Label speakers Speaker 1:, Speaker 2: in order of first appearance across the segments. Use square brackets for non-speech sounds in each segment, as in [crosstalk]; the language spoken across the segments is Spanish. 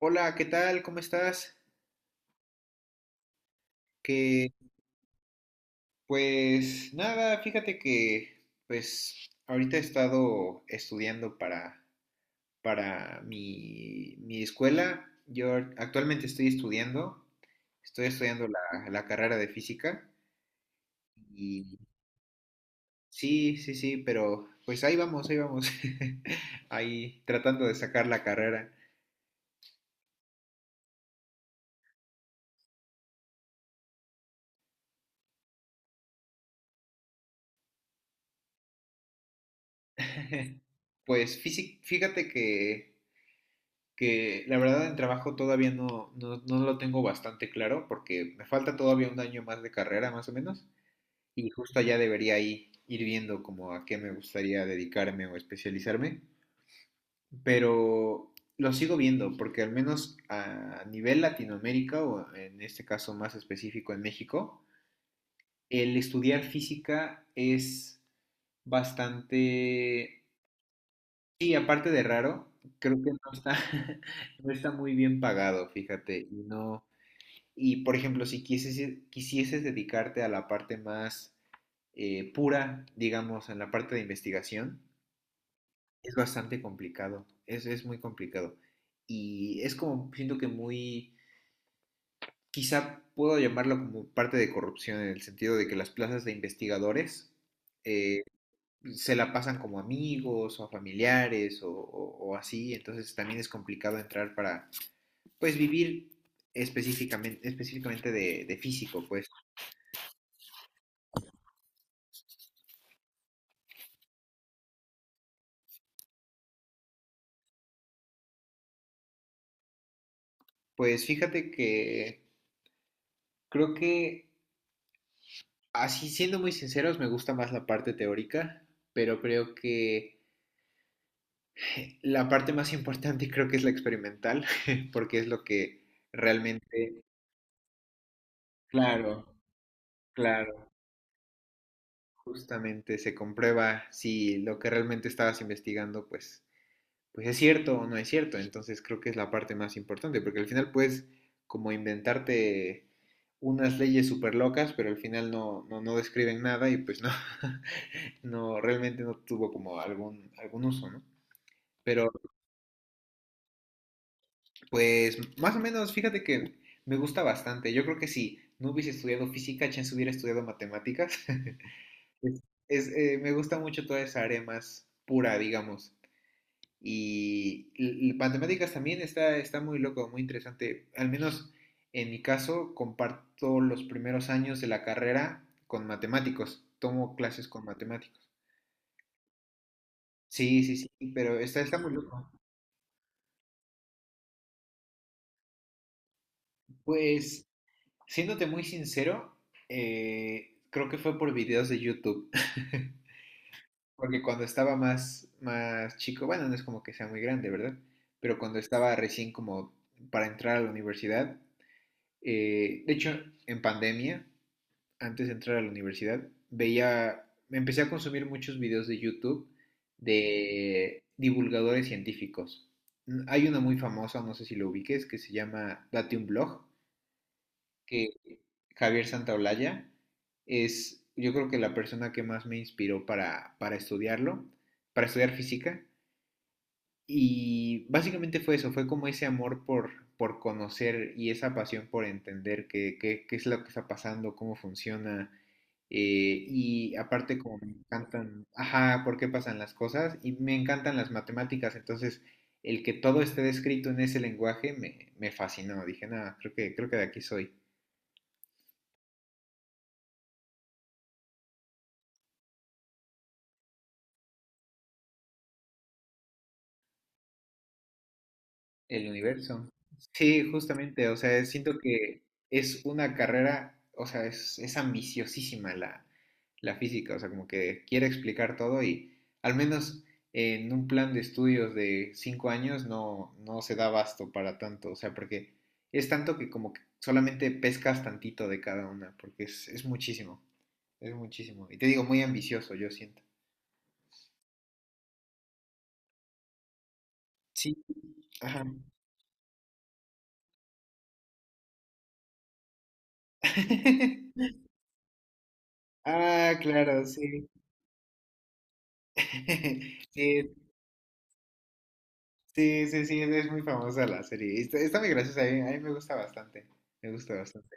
Speaker 1: Hola, ¿qué tal? ¿Cómo estás? Que pues nada, fíjate que pues ahorita he estado estudiando para mi escuela. Actualmente estoy estudiando la carrera de física y sí, sí, sí, pero pues ahí vamos, ahí vamos. [laughs] Ahí tratando de sacar la carrera. Fíjate que la verdad en trabajo todavía no, no, no lo tengo bastante claro porque me falta todavía un año más de carrera más o menos, y justo ya debería ahí ir viendo como a qué me gustaría dedicarme o especializarme, pero lo sigo viendo porque al menos a nivel Latinoamérica o en este caso más específico en México, el estudiar física es bastante, y aparte de raro, creo que no está, [laughs] no está muy bien pagado, fíjate, y no. Y por ejemplo, si quisieses dedicarte a la parte más pura, digamos, en la parte de investigación, es bastante complicado, es muy complicado. Y es como, siento que muy, quizá puedo llamarlo como parte de corrupción, en el sentido de que las plazas de investigadores eh, se la pasan como amigos o a familiares o, o así, entonces también es complicado entrar para, pues, vivir específicamente de físico, pues. Pues fíjate que creo que, así siendo muy sinceros, me gusta más la parte teórica, pero creo que la parte más importante creo que es la experimental, [laughs] porque es lo que realmente, claro, claro, justamente se comprueba si lo que realmente estabas investigando, pues, pues es cierto o no es cierto. Entonces creo que es la parte más importante, porque al final puedes como inventarte unas leyes súper locas, pero al final no, no, no describen nada y pues no. [laughs] No, realmente no tuvo como algún, algún uso, ¿no? Pero pues más o menos, fíjate que me gusta bastante. Yo creo que si no hubiese estudiado física, chance hubiera estudiado matemáticas. [laughs] Es, es, me gusta mucho toda esa área más pura, digamos. Y matemáticas también está, está muy loco, muy interesante. Al menos en mi caso, comparto los primeros años de la carrera con matemáticos. Tomo clases con matemáticos. Sí, sí, sí, pero está, está muy loco. Pues Siéndote muy sincero, creo que fue por videos de YouTube. [laughs] Porque cuando estaba más, más chico, bueno, no es como que sea muy grande, ¿verdad? Pero cuando estaba recién como para entrar a la universidad, de hecho, en pandemia, antes de entrar a la universidad, veía, me empecé a consumir muchos videos de YouTube de divulgadores científicos. Hay una muy famosa, no sé si lo ubiques, que se llama Date un blog que Javier Santaolalla es, yo creo que la persona que más me inspiró para estudiarlo, para estudiar física. Y básicamente fue eso, fue como ese amor por conocer y esa pasión por entender qué, qué, qué es lo que está pasando, cómo funciona. Y aparte como me encantan, ajá, por qué pasan las cosas y me encantan las matemáticas, entonces el que todo esté descrito en ese lenguaje me, me fascinó, dije, nada, creo que de aquí soy. El universo. Sí, justamente, o sea, siento que es una carrera, o sea, es ambiciosísima la, la física, o sea, como que quiere explicar todo y al menos en un plan de estudios de 5 años no, no se da abasto para tanto, o sea, porque es tanto que como que solamente pescas tantito de cada una, porque es muchísimo, es muchísimo. Y te digo, muy ambicioso, yo siento. Sí, ajá. [laughs] Ah, claro, sí. [laughs] Sí, sí, sí, sí, es muy famosa la serie. Está, está muy graciosa, a mí me gusta bastante. Me gusta bastante.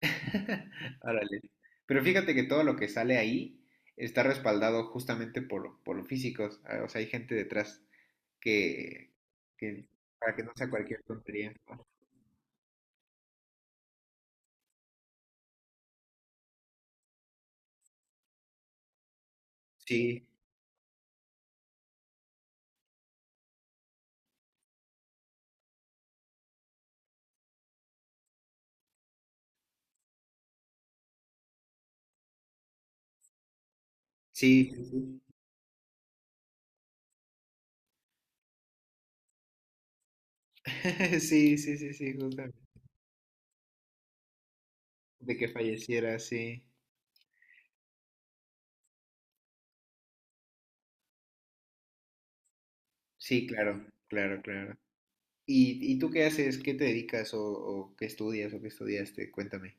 Speaker 1: [laughs] Órale. Pero fíjate que todo lo que sale ahí está respaldado justamente por físicos. O sea, hay gente detrás que, que para que no sea cualquier tontería, ¿no? Sí, sí, sí, sí. [laughs] Sí, sí, sí, sí, justamente. De que falleciera, sí. Sí, claro, claro, claro. Y tú qué haces? ¿Qué te dedicas o qué estudias o qué estudiaste? Cuéntame.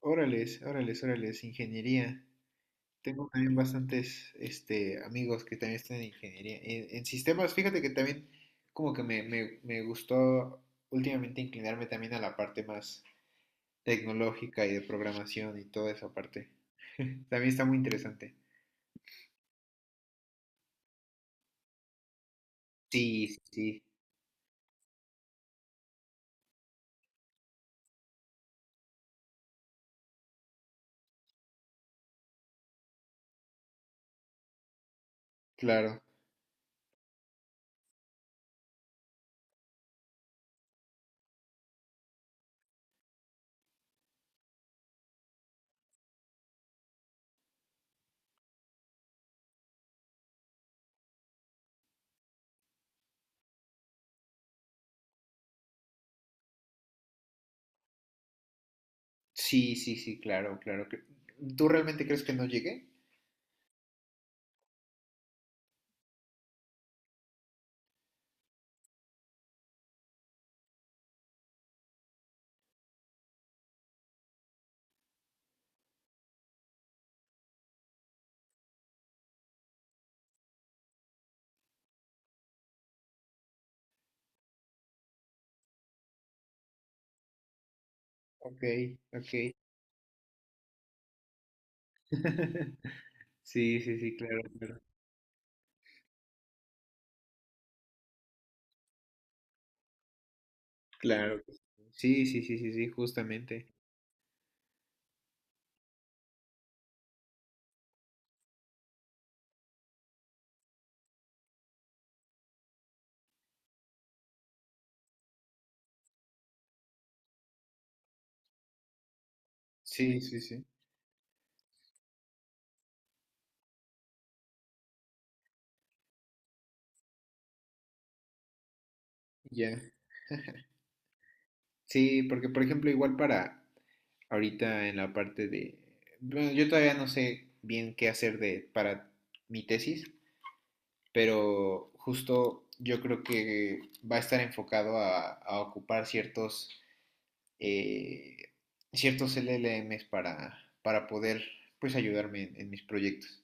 Speaker 1: Órales, órales, órales, ingeniería. Tengo también bastantes este, amigos que también están en ingeniería. En sistemas, fíjate que también como que me gustó últimamente inclinarme también a la parte más tecnológica y de programación y toda esa parte. [laughs] También está muy interesante. Sí, sí, sí, claro. Sí, sí, sí, claro, claro. ¿Tú realmente crees que no llegué? Ok, ok. [laughs] Sí, sí, sí, claro, claro. Claro que sí. Sí, sí, sí, sí, sí, justamente. Sí, sí, sí, ya. Sí, porque por ejemplo, igual para ahorita en la parte de... Bueno, yo todavía no sé bien qué hacer de, para mi tesis, pero justo yo creo que va a estar enfocado a ocupar ciertos, eh, ciertos LLMs para poder, pues, ayudarme en mis proyectos.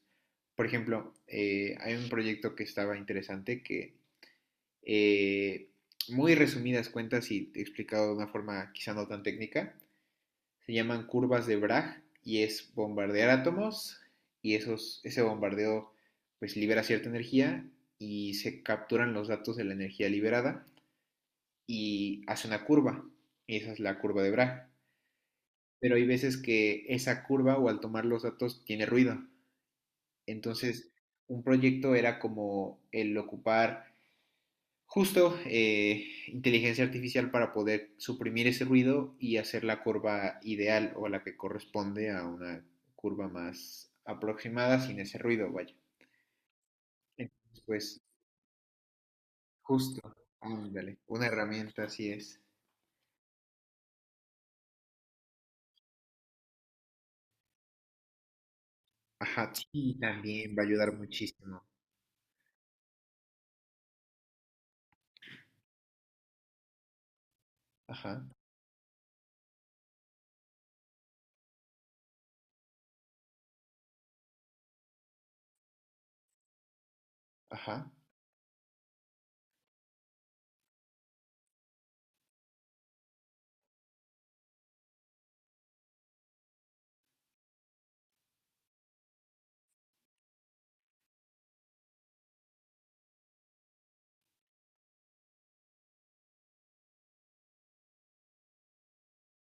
Speaker 1: Por ejemplo, hay un proyecto que estaba interesante que eh, muy resumidas cuentas y explicado de una forma quizá no tan técnica. Se llaman curvas de Bragg y es bombardear átomos y esos, ese bombardeo pues libera cierta energía y se capturan los datos de la energía liberada y hace una curva y esa es la curva de Bragg. Pero hay veces que esa curva o al tomar los datos tiene ruido. Entonces, un proyecto era como el ocupar justo inteligencia artificial para poder suprimir ese ruido y hacer la curva ideal o la que corresponde a una curva más aproximada sin ese ruido, vaya. Entonces, pues justo, ándale, una herramienta así es. Ajá, sí, también va a ayudar muchísimo. Ajá, ajá.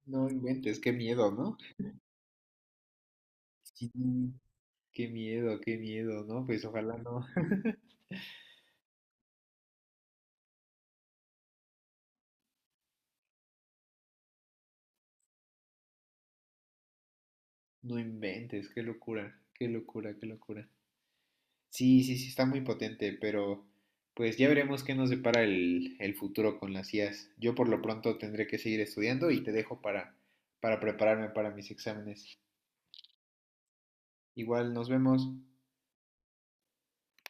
Speaker 1: No inventes, qué miedo, ¿no? Sí, qué miedo, ¿no? Pues ojalá no. [laughs] No inventes, qué locura, qué locura, qué locura. Sí, sí, sí, está muy potente, pero pues ya veremos qué nos depara el futuro con las IAs. Yo por lo pronto tendré que seguir estudiando y te dejo para prepararme para mis exámenes. Igual nos vemos.